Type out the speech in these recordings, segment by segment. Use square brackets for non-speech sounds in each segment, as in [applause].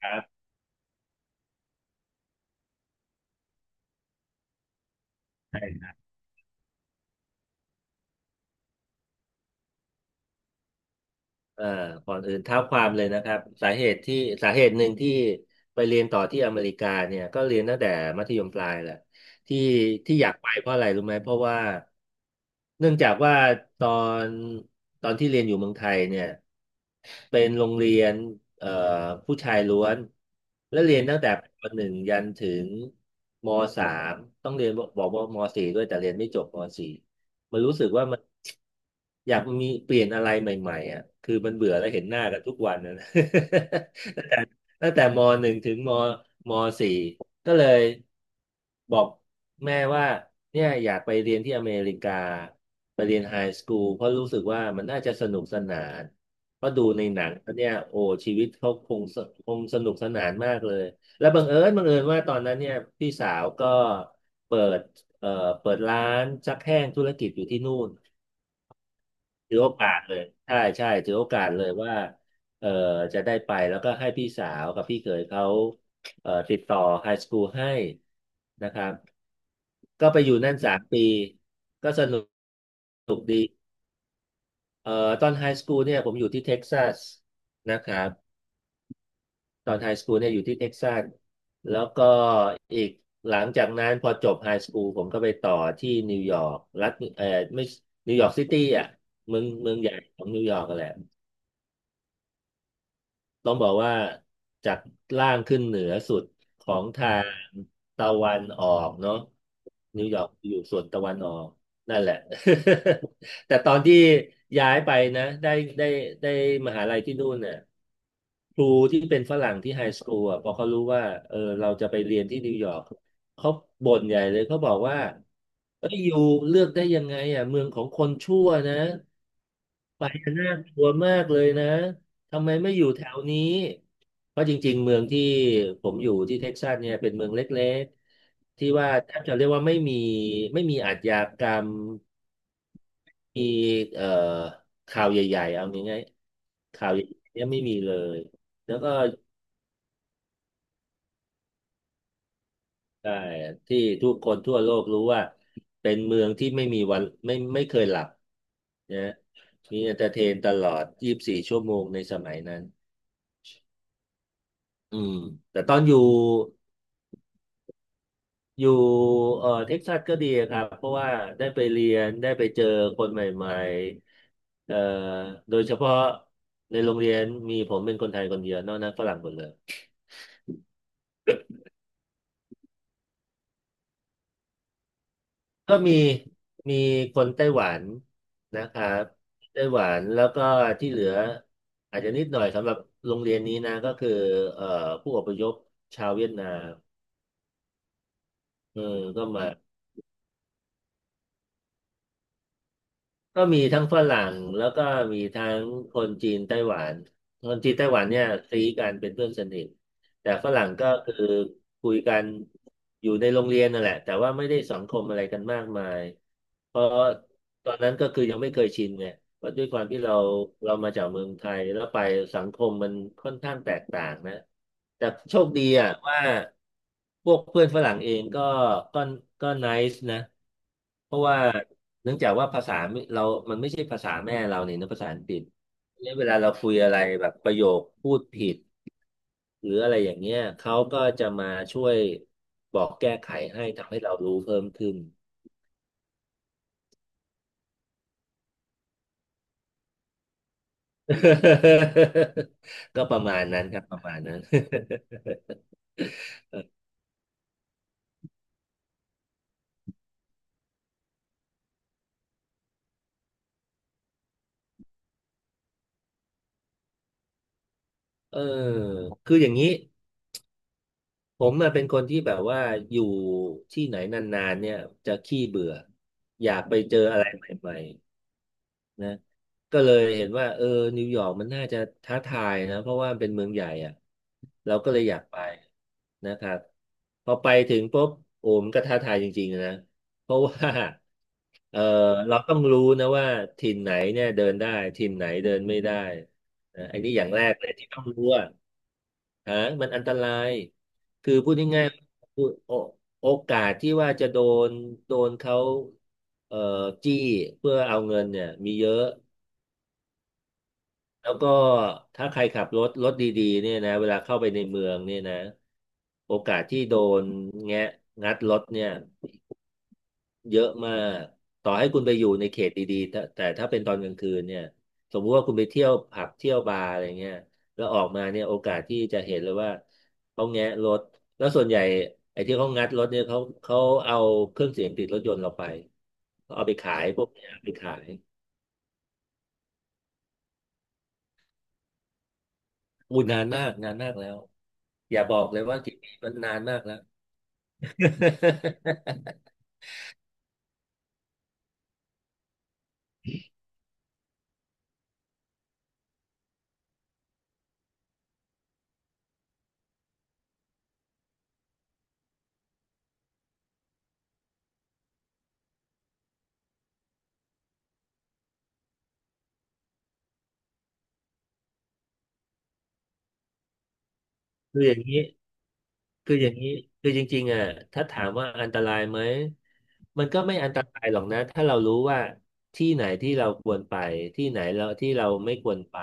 ครับใช่เอ่อก่อนอื่นเท้าความเลยนะครับสาเหตุหนึ่งที่ไปเรียนต่อที่อเมริกาเนี่ยก็เรียนตั้งแต่มัธยมปลายแหละที่ที่อยากไปเพราะอะไรรู้ไหมเพราะว่าเนื่องจากว่าตอนตอนที่เรียนอยู่เมืองไทยเนี่ยเป็นโรงเรียนเอ่อผู้ชายล้วนและเรียนตั้งแต่ปหนึ่งยันถึงมสามต้องเรียนบอกว่ามสี่ด้วยแต่เรียนไม่จบมสี่ มันรู้สึกว่ามันอยากมีเปลี่ยนอะไรใหม่ๆอ่ะคือมันเบื่อแล้วเห็นหน้ากันทุกวันนะ [laughs] ตั้งแต่ตั้งแต่มหนึ่งถึงมสี่ก็เลยบอกแม่ว่าเนี่ยอยากไปเรียนที่อเมริกาไปเรียนไฮสคูลเพราะรู้สึกว่ามันน่าจะสนุกสนานเพราะดูในหนังแล้วเนี่ยโอ้ชีวิตเขาคงสนุกสนานมากเลยแล้วบังเอิญว่าตอนนั้นเนี่ยพี่สาวก็เปิด เอ่อเปิดร้านซักแห้งธุรกิจอยู่ที่นู่นถือโอกาสเลยใช่ถือโอกาสเลยว่าเอ่อจะได้ไปแล้วก็ให้พี่สาวกับพี่เขยเขาติดต่อไฮสคูลให้นะครับก็ไปอยู่นั่นสามปีก็สนุกสนุกดีเอ่อตอนไฮสคูลเนี่ยผมอยู่ที่เท็กซัสนะครับ ตอนไฮสคูลเนี่ยอยู่ที่เท็กซัสแล้วก็อีกหลังจากนั้นพอจบไฮสคูลผมก็ไปต่อที่นิวยอร์กรัฐไม่นิวยอร์กซิตี้อ่ะเมืองเมืองใหญ่ของนิวยอร์กกันแหละต้องบอกว่าจากล่างขึ้นเหนือสุดของทางตะวันออกเนาะนิวยอร์กอยู่ส่วนตะวันออกนั่นแหละ [laughs] แต่ตอนที่ย้ายไปนะได้ได้มหาลัยที่นู่นเนี่ย ครูที่เป็นฝรั่งที่ไฮสคูลอ่ะพอเขารู้ว่าเออเราจะไปเรียนที่นิวยอร์กเขาบ่นใหญ่เลย เขาบอกว่า เอ้ยอยู่เลือกได้ยังไงอ่ะ เมืองของคนชั่วนะ ไปน่ากลัวมากเลยนะทำไมไม่อยู่แถวนี้ เพราะจริงๆ เมืองที่ผมอยู่ที่เท็กซัสเนี่ยเป็นเมืองเล็กๆ ที่ว่าแทบจะเรียกว่าไม่มีอาชญากรรม มีเอ่อข่าวใหญ่ๆเอาง่ายๆข่าวใหญ่ๆเนี่ยไม่มีเลยแล้วก็ ใช่ที่ทุกคนทั่วโลกรู้ว่าเป็นเมืองที่ไม่มีวันไม่เคยหลับนะมีเอนเตอร์เทนตลอด24ชั่วโมงในสมัยนั้นอืมแต่ตอนอยู่เท็กซัสก็ดีครับเพราะว่าได้ไปเรียนได้ไปเจอคนใหม่ๆโดยเฉพาะในโรงเรียนมีผมเป็นคนไทยคนเดียวนอกนั้นฝรั่งหมดเลย ก็มีมีคนไต้หวันนะครับไต้หวันแล้วก็ที่เหลืออาจจะนิดหน่อยสำหรับโรงเรียนนี้นะก็คือเอ่อผู้อพยพชาวเวียดนามเออก็มาก็มีทั้งฝรั่งแล้วก็มีทั้งคนจีนไต้หวันคนจีนไต้หวันเนี่ยซีกันเป็นเพื่อนสนิทแต่ฝรั่งก็คือคุยกันอยู่ในโรงเรียนนั่นแหละแต่ว่าไม่ได้สังคมอะไรกันมากมายเพราะตอนนั้นก็คือยังไม่เคยชินไง เพราะด้วยความที่เรามาจากเมืองไทยแล้วไปสังคมมันค่อนข้างแตกต่างนะแต่โชคดีอ่ะว่าพวกเพื่อนฝรั่งเองก็ก็ก็ไนซ์นะเพราะว่าเนื่องจากว่าภาษาไม่เรามันไม่ใช่ภาษาแม่เราเนี่ยนะภาษาอังกฤษเนี่ยเวลาเราคุยอะไรแบบประโยคพูดผิดหรืออะไรอย่างเงี้ยเขาก็จะมาช่วยบอกแก้ไขให้ทำให้เรารู้เพิ่มขึ้น [laughs] ก็ประมาณนั้นครับประมาณนั้น [laughs] เออคืออย่างนี้ผมอะเป็นคนที่แบบว่าอยู่ที่ไหนนานๆเนี่ยจะขี้เบื่ออยากไปเจออะไรใหม่ นะก็เลยเห็นว่าเออนิวยอร์กมันน่าจะท้าทายนะเพราะว่ามันเป็นเมืองใหญ่อ่ะเราก็เลยอยากไปนะครับพอไปถึงปุ๊บโอ้มันก็ท้าทายจริงๆนะเพราะว่า [laughs] เออเราต้องรู้นะว่าถิ่นไหนเนี่ยเดินได้ถิ่นไหนเดินไม่ได้นะอันนี้อย่างแรกเลยที่ต้องรู้อ่าฮะมันอันตรายคือพูดง่ายๆพูดโอโอกาสที่ว่าจะนโดนเขาเอ่อจี้เพื่อเอาเงินเนี่ยมีเยอะ แล้วก็ถ้าใครขับรถดีๆเนี่ยนะเวลาเข้าไปในเมืองเนี่ยนะโอกาสที่โดนแงะงัดรถเนี่ยเยอะมากต่อให้คุณไปอยู่ในเขตดีๆแต่ถ้าเป็นตอนกลางคืนเนี่ยสมมุติว่าคุณไปเที่ยวผับเที่ยวบาร์อะไรเงี้ยแล้วออกมาเนี่ยโอกาสที่จะเห็นเลยว่าเขาแงะรถแล้วส่วนใหญ่ไอ้ที่เขางัดรถเนี่ยเขาเอาเครื่องเสียงติดรถยนต์เราไปเอาไปขายพวกเนี้ยเอาไปขาย อู้นานมากนานมากแล้วอย่าบอกเลยว่ากี่ปีมันนานมากแล้ว [laughs] คืออย่างนี้ คืออย่างนี้คือจริงๆอ่ะถ้าถามว่าอันตรายไหมมันก็ไม่อันตรายหรอกนะถ้าเรารู้ว่าที่ไหนที่เราควรไปที่ไหนเราที่เราไม่ควรไป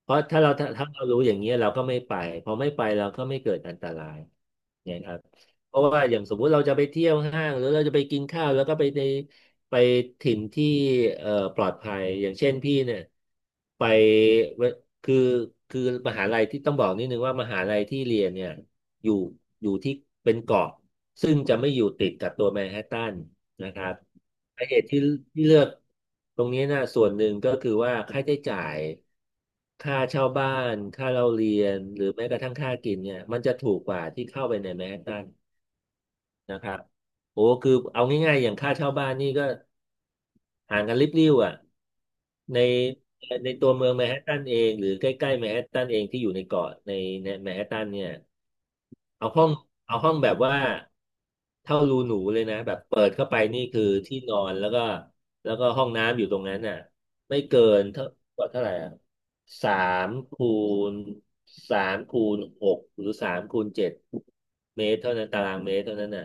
เพราะถ้าเรารู้อย่างเงี้ยเราก็ไม่ไปพอไม่ไปเราก็ไม่เกิดอันตรายเนี่ยครับเพราะว่าอย่างสมมุติเราจะไปเที่ยวห้างหรือเราจะไปกินข้าวแล้วก็ไปในไปถิ่นที่เอ่อปลอดภัยอย่างเช่นพี่เนี่ยไปเวคือคือมหาลัยที่ต้องบอกนิดนึงว่ามหาลัยที่เรียนเนี่ย อยู่อยู่ที่เป็นเกาะซึ่งจะไม่อยู่ติดกับตัวแมนฮัตตันนะครับสาเหตุที่เลือกตรงนี้นะส่วนหนึ่งก็คือว่าค่าใช้จ่ายค่าเช่าบ้านค่าเราเรียนหรือแม้กระทั่งค่ากินเนี่ยมันจะถูกกว่าที่เข้าไปในแมนฮัตตันนะครับโอ้คือเอาง่ายๆอย่างค่าเช่าบ้านนี่ก็ห่างกันลิบลิ่วอ่ะในในตัวเมืองแมนฮัตตันเองหรือใกล้ๆแมนฮัตตันเองที่อยู่ในเกาะในแมนฮัตตันเนี่ย เอาห้องเอาห้องแบบว่าเท่ารูหนูเลยนะแบบเปิดเข้าไปนี่คือที่นอนแล้วก็แล้วก็ห้องน้ำอยู่ตรงนั้นน่ะไม่เกินเท่าไหร่อ่ะสามคูณสามคูณหกหรือสามคูณเจ็ดเมตรเท่านั้นตารางเมตรเท่านั้นน่ะ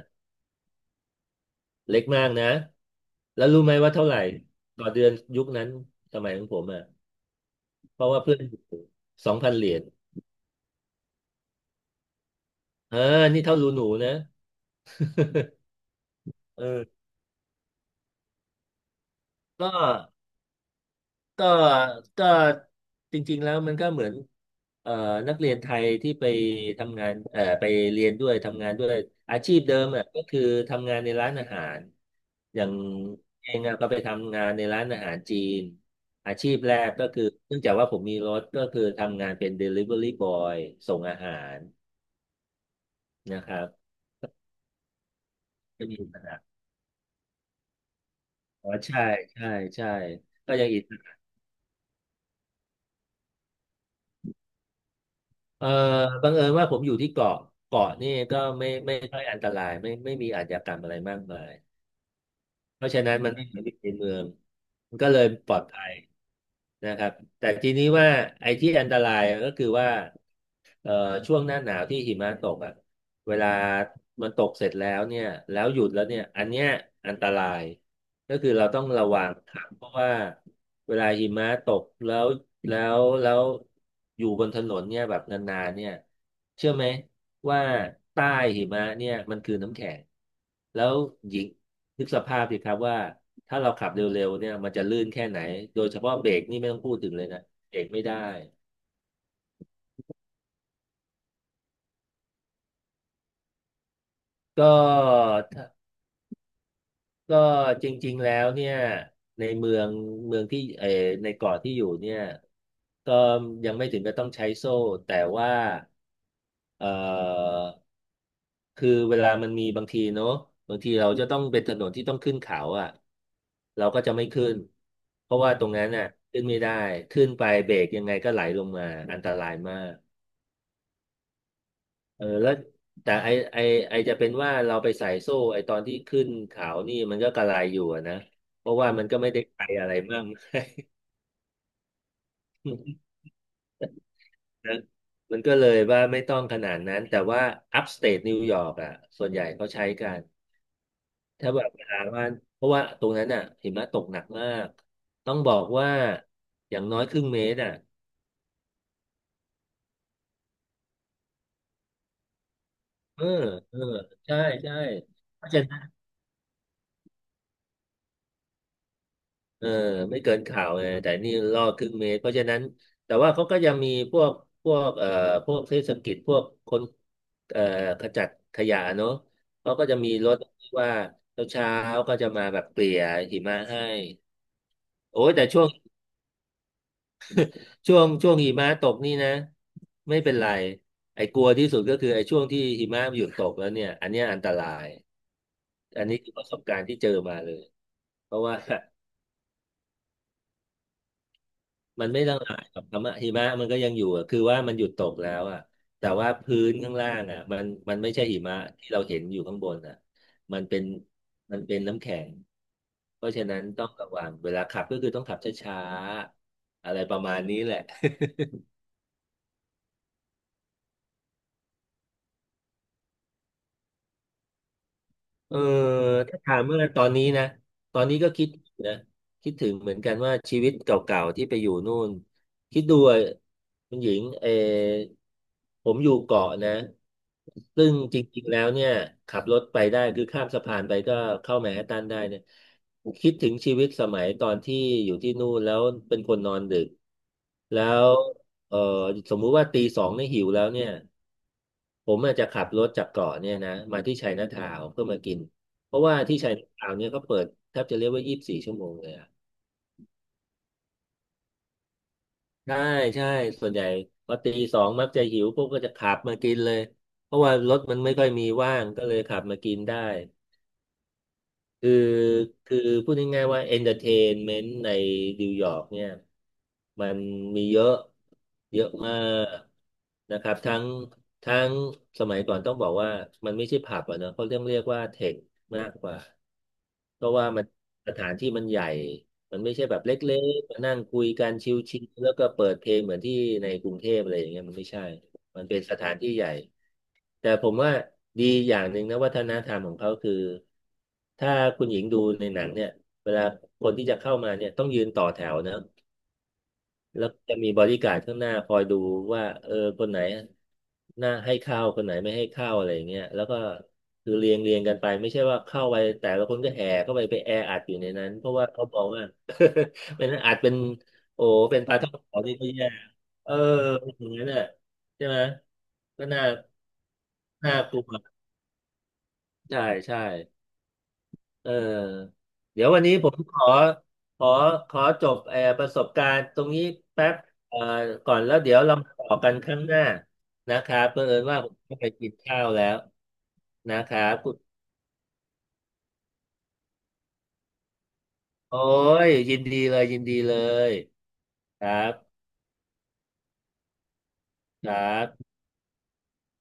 เล็กมากนะแล้วรู้ไหมว่าเท่าไหร่ต่อเดือนยุคนั้นสมัยของผมอ่ะเพราะว่าเพื่อน2,000 เหรียญเออนี่เท่ารูหนูนะ [laughs] เออก็ ก็ก็จริงๆ แล้วมันก็เหมือนเอ่อนักเรียนไทยที่ไปทำงานไปเรียนด้วยทำงานด้วยอาชีพเดิมอ่ะก็คือทำงานในร้านอาหารอย่างเองอะก็ไปทำงานในร้านอาหารจีนอาชีพแรกก็คือเนื่องจากว่าผมมีรถก็คือทำงานเป็น Delivery Boy ส่งอาหารนะครับก็มีปัญหาอ๋อใช่ใช่ก็ยังอิส เอ่อบังเอิญว่าผมอยู่ที่เกาะเกาะนี่ก็ไม่ค่อยอันตรายไม่มีอาชญากรรมอะไรมากมายเพราะฉะนั้นมันไม่เหมือนในเมืองมันก็เลยปลอดภัยนะครับแต่ทีนี้ว่าไอ้ที่อันตรายก็คือว่าเอ่อช่วงหน้าหนาวที่หิมะตกอ่ะเวลามันตกเสร็จแล้วเนี่ยแล้วหยุดแล้วเนี่ยอันเนี้ยอันตราย ก็คือเราต้องระวังครับเพราะว่าเวลาหิมะตกแล้วแล้วอยู่บนถนนเนี่ยแบบนานๆเนี่ยเชื่อไหมว่าใต้หิมะเนี่ยมันคือน้ำแข็งแล้วหญิงนึกสภาพสิครับว่าถ้าเราขับเร็วๆเนี่ยมันจะลื่นแค่ไหนโดยเฉพาะเบรกนี่ไม่ต้องพูดถึงเลยนะเบรกไม่ได้ก็ ก็จริงๆแล้วเนี่ยในเมืองเมืองที่เออในเกาะที่อยู่เนี่ยก็ยังไม่ถึงกับต้องใช้โซ่แต่ว่าเอ่อคือเวลามันมีบางทีเนอะบางทีเราจะต้องเป็นถนนที่ต้องขึ้นเขาอ่ะเราก็จะไม่ขึ้นเพราะว่าตรงนั้นน่ะขึ้นไม่ได้ขึ้นไปเบรกยังไงก็ไหลลงมาอันตรายมาก เออแล้วแต่ไอจะเป็นว่าเราไปใส่โซ่ไอตอนที่ขึ้นเขานี่มันก็กระไรอยู่อะนะเพราะว่ามันก็ไม่ได้ไกลอะไรมาก [laughs] นะมันก็เลยว่าไม่ต้องขนาดนั้นแต่ว่าอัพสเต e นิวยอร์กอ่ะส่วนใหญ่เขาใช้กันถ้าแบบเวลาว่าเพราะว่าตรงนั้นอ่ะหิมะตกหนักมากต้องบอกว่าอย่างน้อยครึ่งเมตรอ่ะเออเออใช่ใช่เพราะฉะ เออไม่เกินข่าวไงแต่นี่ล่อครึ่งเมตรเพราะฉะนั้นแต่ว่าเขาก็ยังมีพวกพวกพวกเทศกิจพวกคนเอ่อขจัดขยะเนอะเขาก็จะมีรถที่ว่าเช้าๆก็จะมาแบบเกลี่ยหิมะให้โอ้ยแต่ช่วงหิมะตกนี่นะไม่เป็นไรไอ้กลัวที่สุดก็คือไอ้ช่วงที่หิมะหยุดตกแล้วเนี่ยอันเนี้ยอันตรายอันนี้คือประสบการณ์ที่เจอมาเลยเพราะว่า มันไม่ต้องหายหรอกครับหิมะมันก็ยังอยู่อะคือว่ามันหยุดตกแล้วอ่ะแต่ว่าพื้นข้างล่างอ่ะ มันไม่ใช่หิมะที่เราเห็นอยู่ข้างบนอ่ะมันเป็นมันเป็นน้ำแข็งเพราะฉะนั้นต้องระวังเวลาขับก็คือต้องขับช้าๆอะไรประมาณนี้แหละ เออถ้าถามเมื่อตอนนี้นะตอนนี้ก็คิดนะคิดถึงเหมือนกันว่าชีวิตเก่าๆที่ไปอยู่นู่นคิดดูอะคุณหญิงเออผมอยู่เกาะนะซึ่งจริงๆแล้วเนี่ยขับรถไปได้คือข้ามสะพานไปก็เข้าแมนฮัตตันได้เนี่ยคิดถึงชีวิตสมัยตอนที่อยู่ที่นู่นแล้วเป็นคนนอนดึกแล้วเออสมมุติว่าตีสองเนี่ยหิวแล้วเนี่ย ผมอาจจะขับรถจากเกาะเนี่ยนะมาที่ไชน่าทาวน์เพื่อมากินเพราะว่าที่ไชน่าทาวน์เนี่ยเขาเปิดแทบจะเรียกว่า24 ชั่วโมงเลยอะใช่ใช่ส่วนใหญ่พอตีสองมักจะหิวพวกก็จะขับมากินเลยเพราะว่ารถมันไม่ค่อยมีว่างก็เลยขับมากินได้ คือคือพูดง่ายๆว่าเอนเตอร์เทนเมนต์ในนิวยอร์กเนี่ยมันมีเยอะเยอะมากนะครับทั้งสมัยก่อนต้องบอกว่ามันไม่ใช่ผับอะเนอะเขาเรียกว่าเทคมากกว่าเพราะว่ามันสถานที่มันใหญ่มันไม่ใช่แบบเล็กๆมานั่งคุยกันชิลๆแล้วก็เปิดเพลงเหมือนที่ในกรุงเทพอะไรอย่างเงี้ยมันไม่ใช่ มันเป็นสถานที่ใหญ่ แต่ผมว่าดีอย่างหนึ่งนะวัฒนธรรมของเขาคือถ้าคุณหญิงดูในหนังเนี่ยเวลาคนที่จะเข้ามาเนี่ยต้องยืนต่อแถวนะ แล้วจะมีบอดี้การ์ดข้างหน้าคอยดูว่าเออคนไหนหน้าให้เข้าวคนไหนไม่ให้เข้าวอะไรอย่างเงี้ยแล้วก็คือเรียงกันไปไม่ใช่ว่าเข้าไปแต่ละคนก็แห่เข้าไปไปแออัดอยู่ในนั้นเพราะว่าเขาบอกว่า [laughs] เป็นนอาจเป็นโอ้เป็นปลาท่องโกนี่ก็แย่เอออย่างนั้นน่ะใช่ไหมก็น่าน่ากลัวใช่ใช่ เออเดี๋ยววันนี้ผมขอขอขอจบประสบการณ์ตรงนี้แป๊บเอ่อก่อนแล้วเดี๋ยวเรามาต่อกันครั้งหน้านะครับเผอิญว่าผมต้องไปกินข้าวแล้วนะครับคุณโอ้ยยินดีเลยยินดีเลยครับครับ